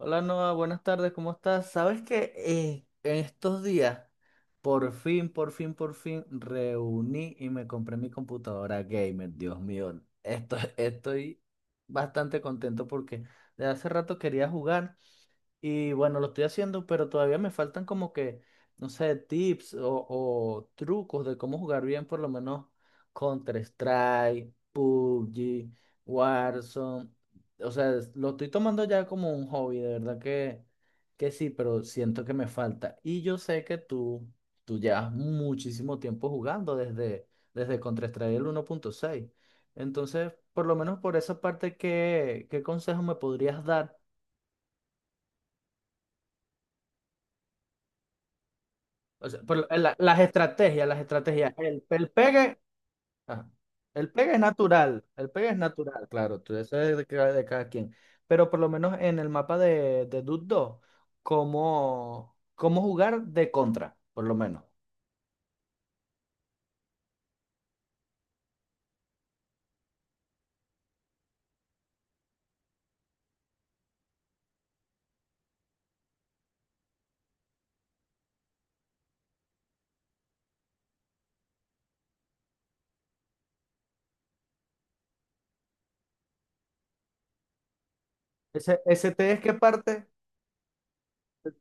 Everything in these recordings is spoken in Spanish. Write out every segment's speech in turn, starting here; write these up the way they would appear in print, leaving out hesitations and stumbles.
Hola Noah, buenas tardes, ¿cómo estás? Sabes que en estos días, por fin, reuní y me compré mi computadora gamer. Dios mío, estoy bastante contento porque de hace rato quería jugar y bueno, lo estoy haciendo, pero todavía me faltan como que, no sé, tips o trucos de cómo jugar bien, por lo menos Counter-Strike, PUBG, Warzone. O sea, lo estoy tomando ya como un hobby, de verdad que sí, pero siento que me falta. Y yo sé que tú llevas muchísimo tiempo jugando desde Counter-Strike el uno punto seis. Entonces, por lo menos por esa parte, ¿ qué consejo me podrías dar? O sea, las estrategias, las estrategias. El pegue, ajá. El pegue es natural, el pegue es natural, claro, eso es de de cada quien. Pero por lo menos en el mapa de Dude 2, cómo jugar de contra, por lo menos. Ese T, es ¿qué parte?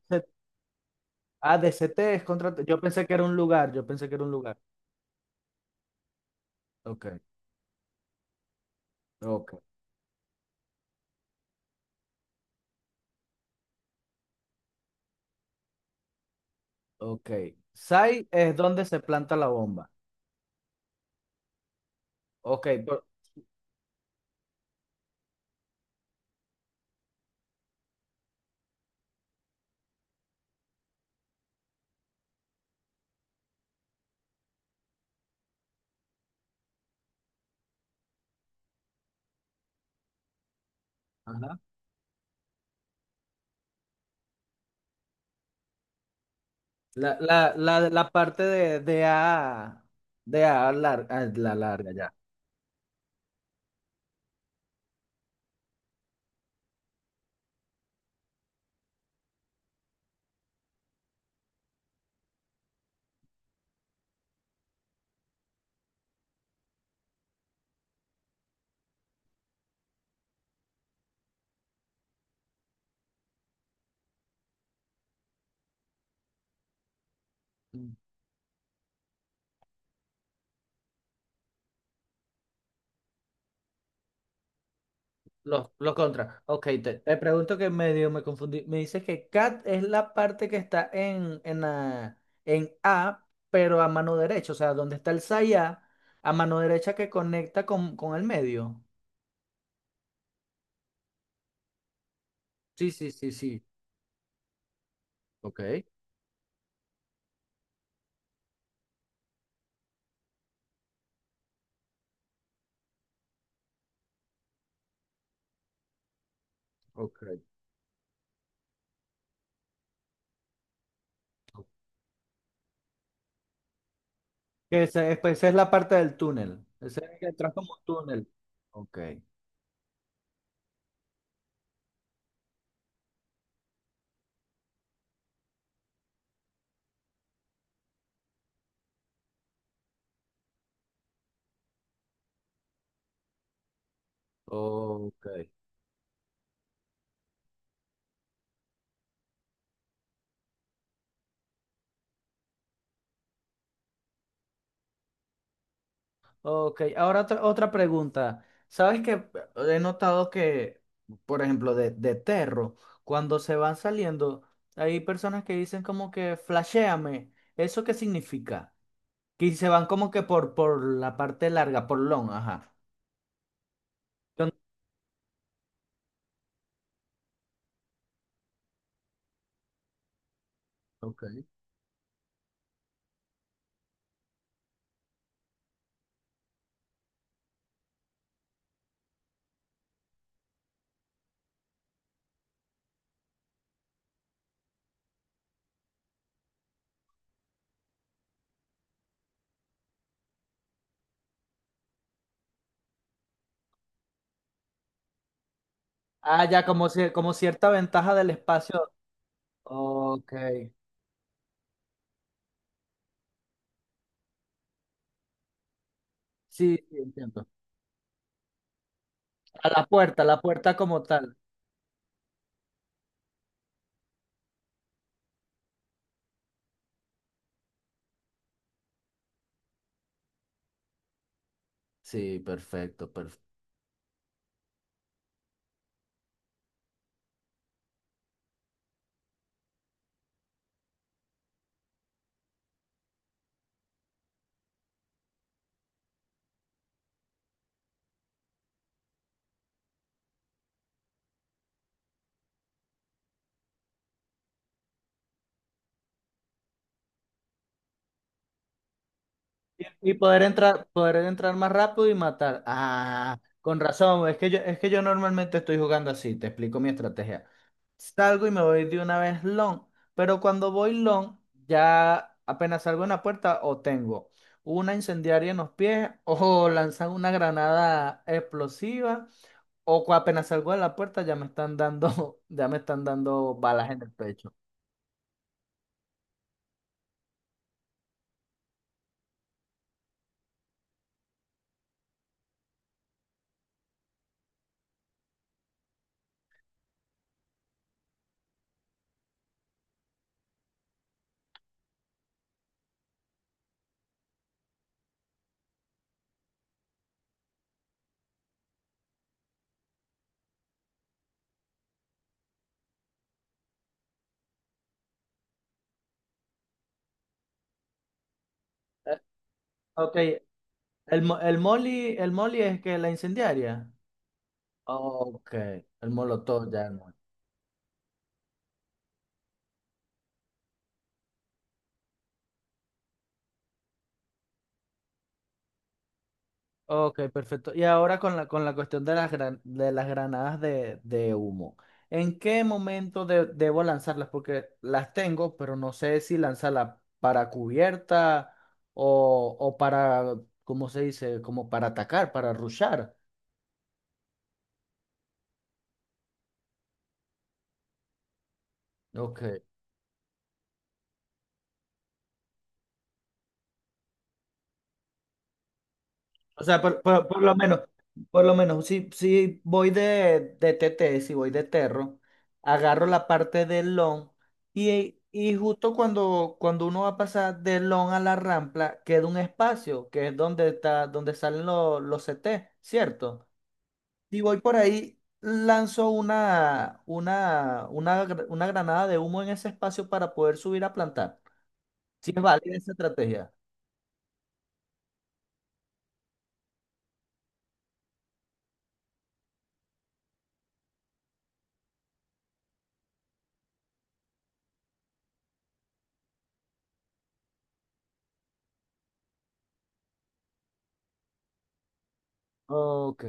Se- Ah, de C T es contra. Yo pensé que era un lugar, yo pensé que era un lugar. Ok, ok, ok. Sai es donde se planta la bomba. Ok, por- ajá. La parte de A, a la larga ya. Los contras. Ok, te pregunto que medio me confundí. Me dices que cat es la parte que está en A, pero a mano derecha. O sea, donde está el saya, a mano derecha que conecta con el medio. Sí, sí, sí, sí. Ok, ok. Que pues, esa es la parte del túnel. Esa es la que entras como túnel. Ok, ok. Ok, ahora otra pregunta. ¿Sabes que he notado que, por ejemplo, de Terro, cuando se van saliendo, hay personas que dicen como que flashéame? ¿Eso qué significa? Que se van como que por la parte larga, por long, ajá. Yo no- Ok. Ah, ya, como, como cierta ventaja del espacio. Ok. Sí, sí, entiendo. A la puerta, a la puerta como tal. Sí, perfecto, perfecto. Y poder entrar más rápido y matar. Ah, con razón. Es que yo normalmente estoy jugando así. Te explico mi estrategia. Salgo y me voy de una vez long. Pero cuando voy long, ya apenas salgo en la puerta o tengo una incendiaria en los pies o lanzan una granada explosiva o apenas salgo de la puerta ya me están dando, ya me están dando balas en el pecho. Eh, Ok, el molly es que la incendiaria. Ok, el molotov ya no. Ok, perfecto. Y ahora con la cuestión de las, de las granadas de humo. ¿En qué momento debo lanzarlas? Porque las tengo, pero no sé si lanzarlas para cubierta o para, ¿cómo se dice? Como para atacar, para rushar. Ok. O sea, por lo menos, si voy de T T, si voy de Terro, agarro la parte del long y justo cuando uno va a pasar del long a la rampla, queda un espacio que es donde está, donde salen los CT, ¿cierto? Si voy por ahí, lanzo una granada de humo en ese espacio para poder subir a plantar. Si es válida esa estrategia. Ok.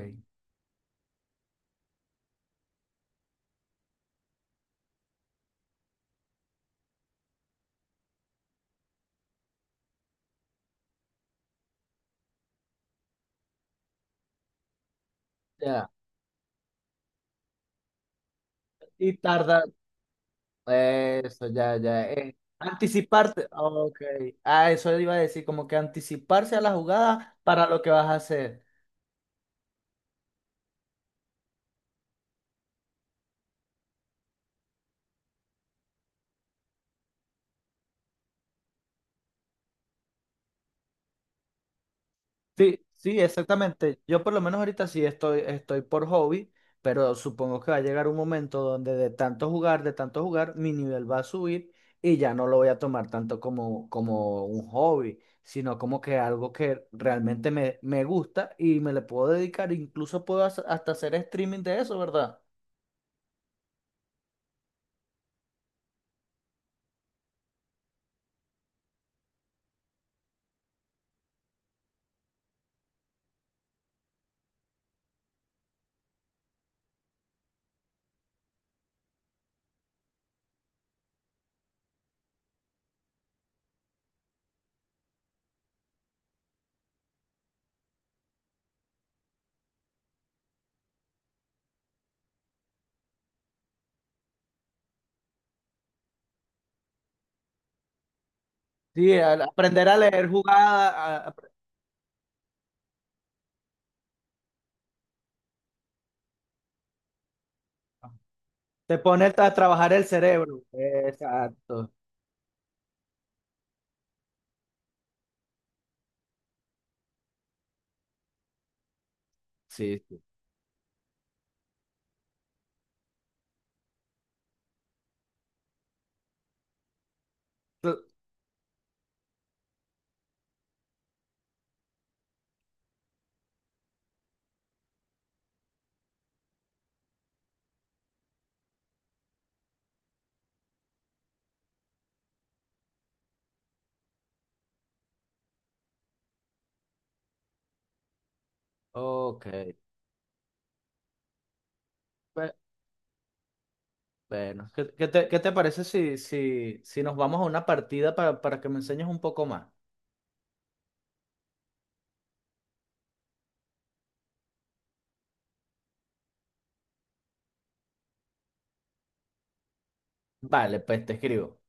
Ya. Y tarda eso, ya, ya. Eh, anticiparte. Ok. Ah, eso iba a decir, como que anticiparse a la jugada para lo que vas a hacer. Sí, sí, exactamente. Yo por lo menos ahorita sí estoy, estoy por hobby, pero supongo que va a llegar un momento donde de tanto jugar, mi nivel va a subir y ya no lo voy a tomar tanto como, como un hobby, sino como que algo que realmente me, me gusta y me le puedo dedicar. Incluso puedo hacer- hasta hacer streaming de eso, ¿verdad? Sí, al aprender a leer jugadas, a- te pone a trabajar el cerebro. Exacto. Sí, sí. Tú- Ok. Bue- Bueno, ¿ qué te parece si, si, si nos vamos a una partida para que me enseñes un poco más? Vale, pues te escribo.